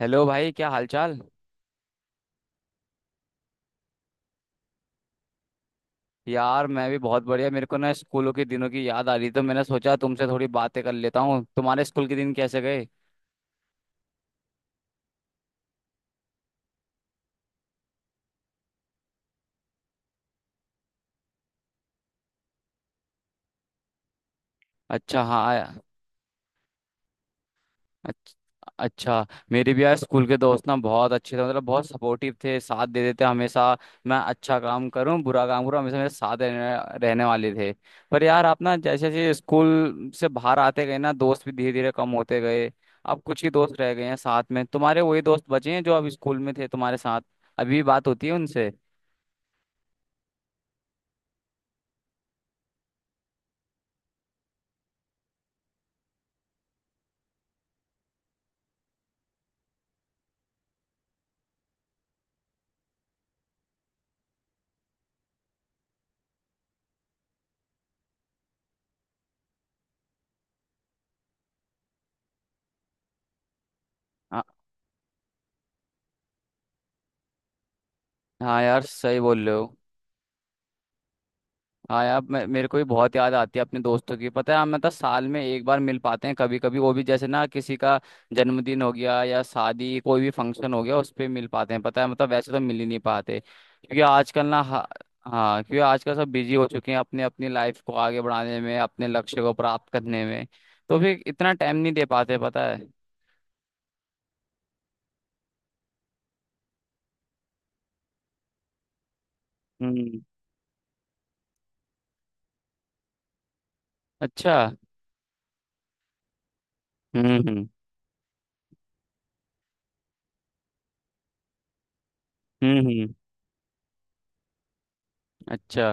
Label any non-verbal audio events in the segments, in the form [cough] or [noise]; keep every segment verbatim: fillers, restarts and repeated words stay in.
Hello भाई, क्या हालचाल? यार मैं भी बहुत बढ़िया। मेरे को ना स्कूलों के दिनों की याद आ रही, तो मैंने सोचा तुमसे थोड़ी बातें कर लेता हूँ। तुम्हारे स्कूल के दिन कैसे गए? अच्छा। हाँ। अच्छ- अच्छा मेरे भी यार स्कूल के दोस्त ना बहुत अच्छे थे, मतलब बहुत सपोर्टिव थे, साथ दे देते हमेशा। मैं अच्छा काम करूं बुरा काम करूं, हमेशा मेरे साथ रहने, रहने वाले थे। पर यार आप ना जैसे जैसे स्कूल से बाहर आते गए ना, दोस्त भी धीरे धीरे कम होते गए। अब कुछ ही दोस्त रह गए हैं साथ में तुम्हारे। वही दोस्त बचे हैं जो अब स्कूल में थे तुम्हारे साथ? अभी भी बात होती है उनसे? हाँ। हाँ यार, सही बोल रहे हो। हाँ यार मे- मेरे को भी बहुत याद आती है अपने दोस्तों की। पता है, हम मतलब साल में एक बार मिल पाते हैं, कभी कभी वो भी, जैसे ना किसी का जन्मदिन हो गया या शादी, कोई भी फंक्शन हो गया उस पे मिल पाते हैं। पता है मतलब वैसे तो मिल ही नहीं पाते, क्योंकि आजकल ना हा- हाँ, क्योंकि आजकल सब बिजी हो चुके हैं अपने अपनी लाइफ को आगे बढ़ाने में, अपने लक्ष्य को प्राप्त करने में। तो फिर इतना टाइम नहीं दे पाते, पता है। हम्म। अच्छा। हम्म। हम्म। हम्म। हम्म, अच्छा।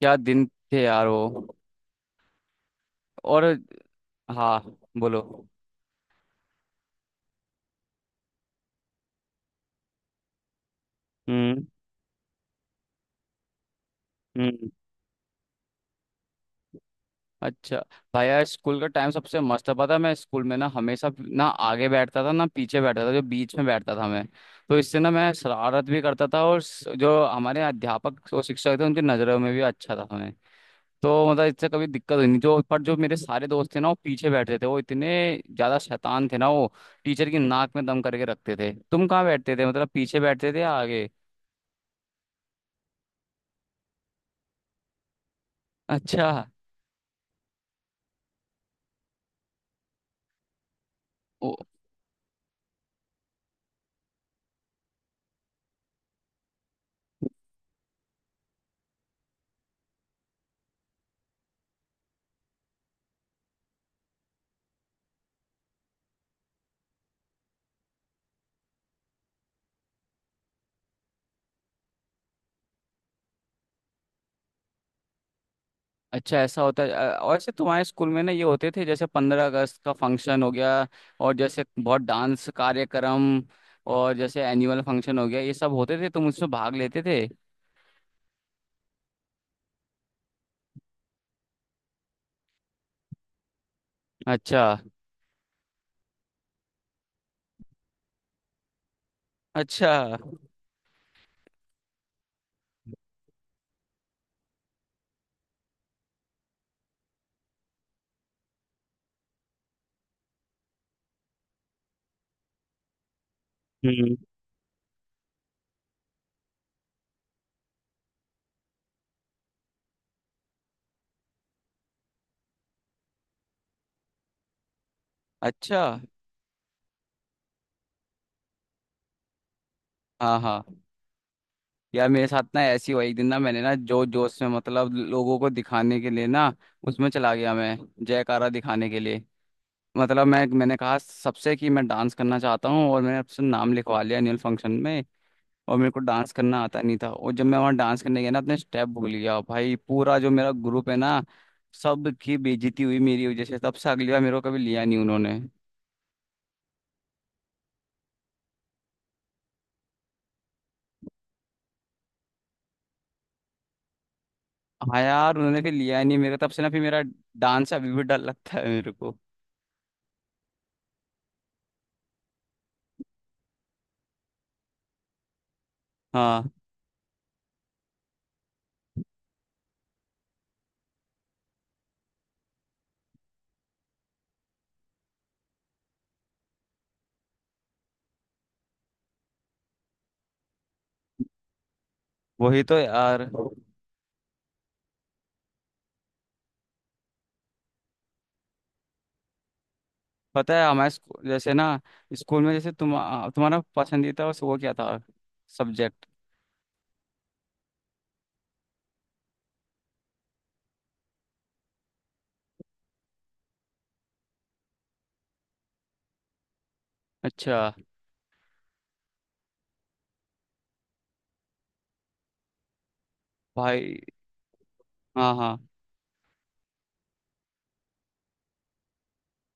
क्या दिन थे यार वो। और? हाँ, बोलो। हम्म। हम्म। अच्छा। भाई यार स्कूल का टाइम सबसे मस्त था, पता है। मैं स्कूल में ना हमेशा ना आगे बैठता था ना पीछे बैठता था, जो बीच में बैठता था मैं। तो इससे ना मैं शरारत भी करता था, और स- जो हमारे अध्यापक और शिक्षक थे उनकी नज़रों में भी अच्छा था मैं। तो मतलब इससे कभी दिक्कत हुई नहीं, जो पर जो मेरे सारे दोस्त थे ना वो पीछे बैठते थे, वो इतने ज्यादा शैतान थे ना, वो टीचर की नाक में दम करके रखते थे। तुम कहाँ बैठते थे? मतलब पीछे बैठते थे या आगे? अच्छा। अच्छा ऐसा होता है। अ, और ऐसे तुम्हारे स्कूल में ना ये होते थे, जैसे पंद्रह अगस्त का फंक्शन हो गया, और जैसे बहुत डांस कार्यक्रम, और जैसे एनुअल फंक्शन हो गया, ये सब होते थे? तुम उसमें भाग लेते थे? अच्छा। अच्छा। हम्म। अच्छा। हाँ हाँ। यार मेरे साथ ना ऐसी हुआ, एक दिन ना मैंने ना जो जोश में, मतलब लोगों को दिखाने के लिए ना उसमें चला गया मैं, जयकारा दिखाने के लिए। मतलब मैं मैंने कहा सबसे कि मैं डांस करना चाहता हूँ, और मैंने अपना नाम लिखवा लिया एनुअल फंक्शन में। और मेरे को डांस करना आता नहीं था, और जब मैं वहाँ डांस करने गया ना अपने स्टेप भूल गया भाई पूरा, जो मेरा ग्रुप है ना सब की बेइज्जती हुई मेरी वजह से, तब से अगली बार मेरे को कभी लिया नहीं उन्होंने। हाँ यार, उन्होंने फिर लिया नहीं मेरे को, तब से ना फिर मेरा डांस अभी भी डर लगता है मेरे को। हाँ। वही तो यार। पता है हमारे स्कू- जैसे ना स्कूल में, जैसे तुम तुम्हारा पसंदीदा वो क्या था सब्जेक्ट? अच्छा। भाई। हाँ हाँ।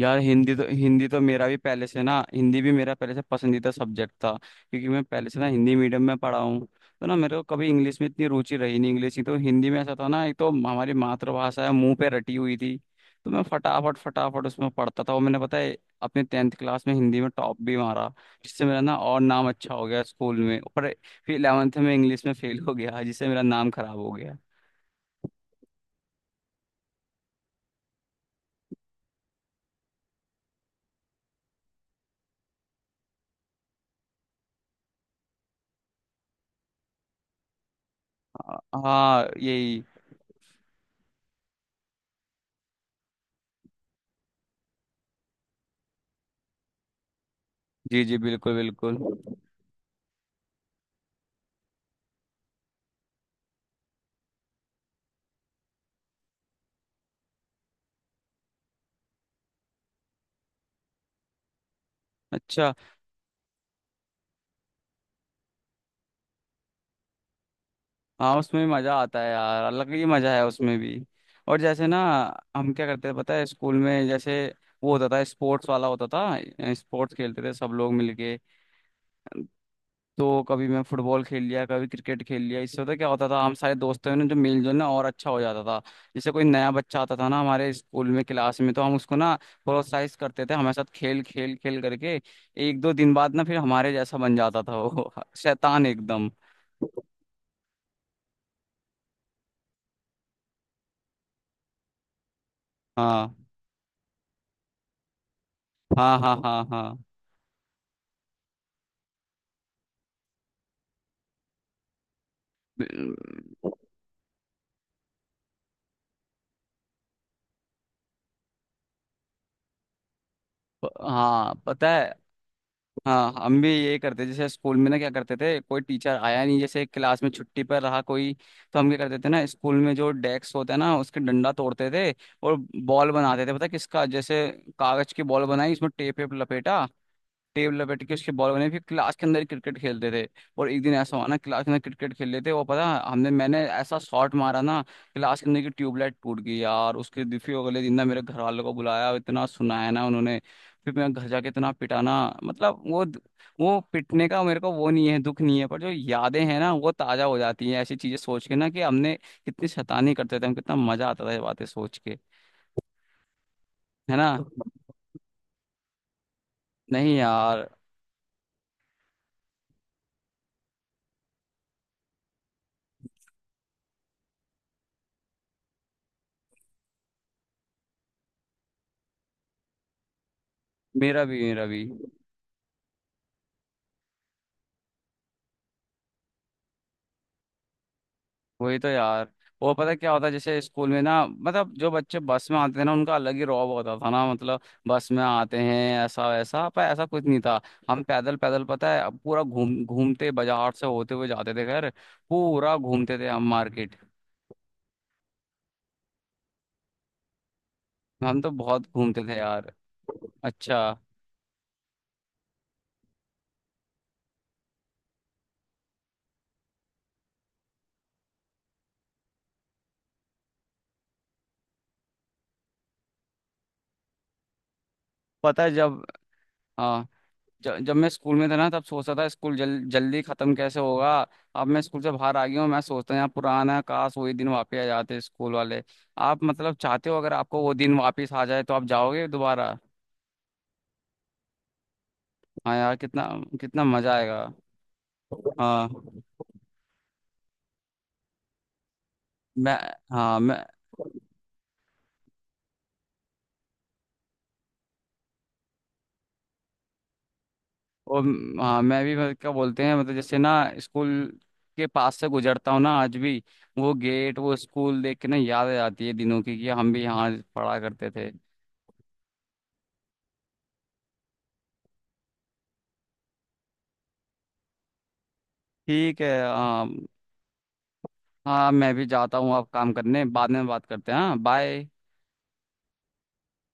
यार हिंदी तो, हिंदी तो मेरा भी पहले से ना, हिंदी भी मेरा पहले से पसंदीदा सब्जेक्ट था। क्योंकि मैं पहले से ना हिंदी मीडियम में पढ़ा हूँ, तो ना मेरे को कभी इंग्लिश में इतनी रुचि रही नहीं, इंग्लिश की। तो हिंदी में ऐसा था ना, एक तो हमारी मातृभाषा है, मुंह पे रटी हुई थी, तो मैं फटाफट फटाफट उसमें पढ़ता था। और मैंने पता है अपने टेंथ क्लास में हिंदी में टॉप भी मारा, जिससे मेरा ना और नाम अच्छा हो गया स्कूल में। पर फिर इलेवेंथ में इंग्लिश में फेल हो गया, जिससे मेरा नाम खराब हो गया। हाँ। हाँ, यही। जी जी, बिल्कुल बिल्कुल। अच्छा। हाँ उसमें भी मजा आता है यार, अलग ही मजा है उसमें भी। और जैसे ना हम क्या करते थे पता है स्कूल में, जैसे वो होता था स्पोर्ट्स वाला, होता था स्पोर्ट्स खेलते थे सब लोग मिलके। तो कभी मैं फुटबॉल खेल लिया, कभी क्रिकेट खेल लिया। इससे होता क्या होता था, हम सारे दोस्तों ने जो मेलजोल ना और अच्छा हो जाता था। जैसे कोई नया बच्चा आता था ना हमारे स्कूल में क्लास में, तो हम उसको ना प्रोत्साहित करते थे हमारे साथ खेल खेल खेल करके। एक दो दिन बाद ना फिर हमारे जैसा बन जाता था वो [laughs] शैतान एकदम। हाँ हाँ हाँ हाँ। हाँ प- हाँ, पता है। हाँ हम भी ये करते, जैसे स्कूल में ना क्या करते थे कोई टीचर आया नहीं, जैसे क्लास में छुट्टी पर रहा कोई, तो हम क्या करते थे ना, स्कूल में जो डेस्क होता है ना उसके डंडा तोड़ते थे, और बॉल बनाते थे। पता है किसका, जैसे कागज की बॉल बनाई उसमें टेप वेप लपेटा, टेबल लपेट के उसके बॉल बने, फिर क्लास के अंदर क्रिकेट खेलते थे। और एक दिन ऐसा हुआ ना क्लास के अंदर क्रिकेट खेल रहे थे, वो पता हमने मैंने ऐसा शॉट मारा ना, क्लास के अंदर की ट्यूबलाइट टूट गई यार उसके दिन- फिर अगले दिन ना मेरे घर वालों को बुलाया, इतना सुनाया ना उन्होंने, फिर मैं घर जाके इतना पिटाना, मतलब वो वो पिटने का मेरे को वो नहीं है, दुख नहीं है, पर जो यादें हैं ना वो ताजा हो जाती हैं ऐसी चीजें सोच के ना, कि हमने कितनी शैतानी करते थे, हम कितना मजा आता था ये बातें सोच के। है ना। नहीं यार। मेरा भी मेरा भी। वही तो यार। वो पता है क्या होता है जैसे स्कूल में ना, मतलब जो बच्चे बस में आते थे ना उनका अलग ही रौब होता था ना, मतलब बस में आते हैं ऐसा वैसा, पर ऐसा कुछ नहीं था। हम पैदल पैदल, पता है, पूरा घूम घूमते बाजार से होते हुए जाते थे घर, पूरा घूमते थे हम मार्केट। हम तो बहुत घूमते थे यार। अच्छा। पता है जब हाँ ज, जब मैं स्कूल में था ना तब सोचता था स्कूल जल, जल्दी खत्म कैसे होगा। अब मैं स्कूल से बाहर आ गया हूँ, मैं सोचता हूँ यार पुराना काश वही दिन वापस आ जाते स्कूल वाले। आप मतलब चाहते हो अगर आपको वो दिन वापस आ जाए तो आप जाओगे दोबारा? हाँ यार कितना कितना मजा आएगा। हाँ मैं। हाँ मैं। और म- हाँ मैं भी मतलब क्या बोलते हैं मतलब जैसे ना स्कूल के पास से गुजरता हूँ ना आज भी, वो गेट वो स्कूल देख के ना याद आ जाती है दिनों की, कि हम भी यहाँ पढ़ा करते थे। ठीक है हाँ। हाँ मैं भी जाता हूँ अब काम करने, बाद में बात करते हैं, हाँ बाय।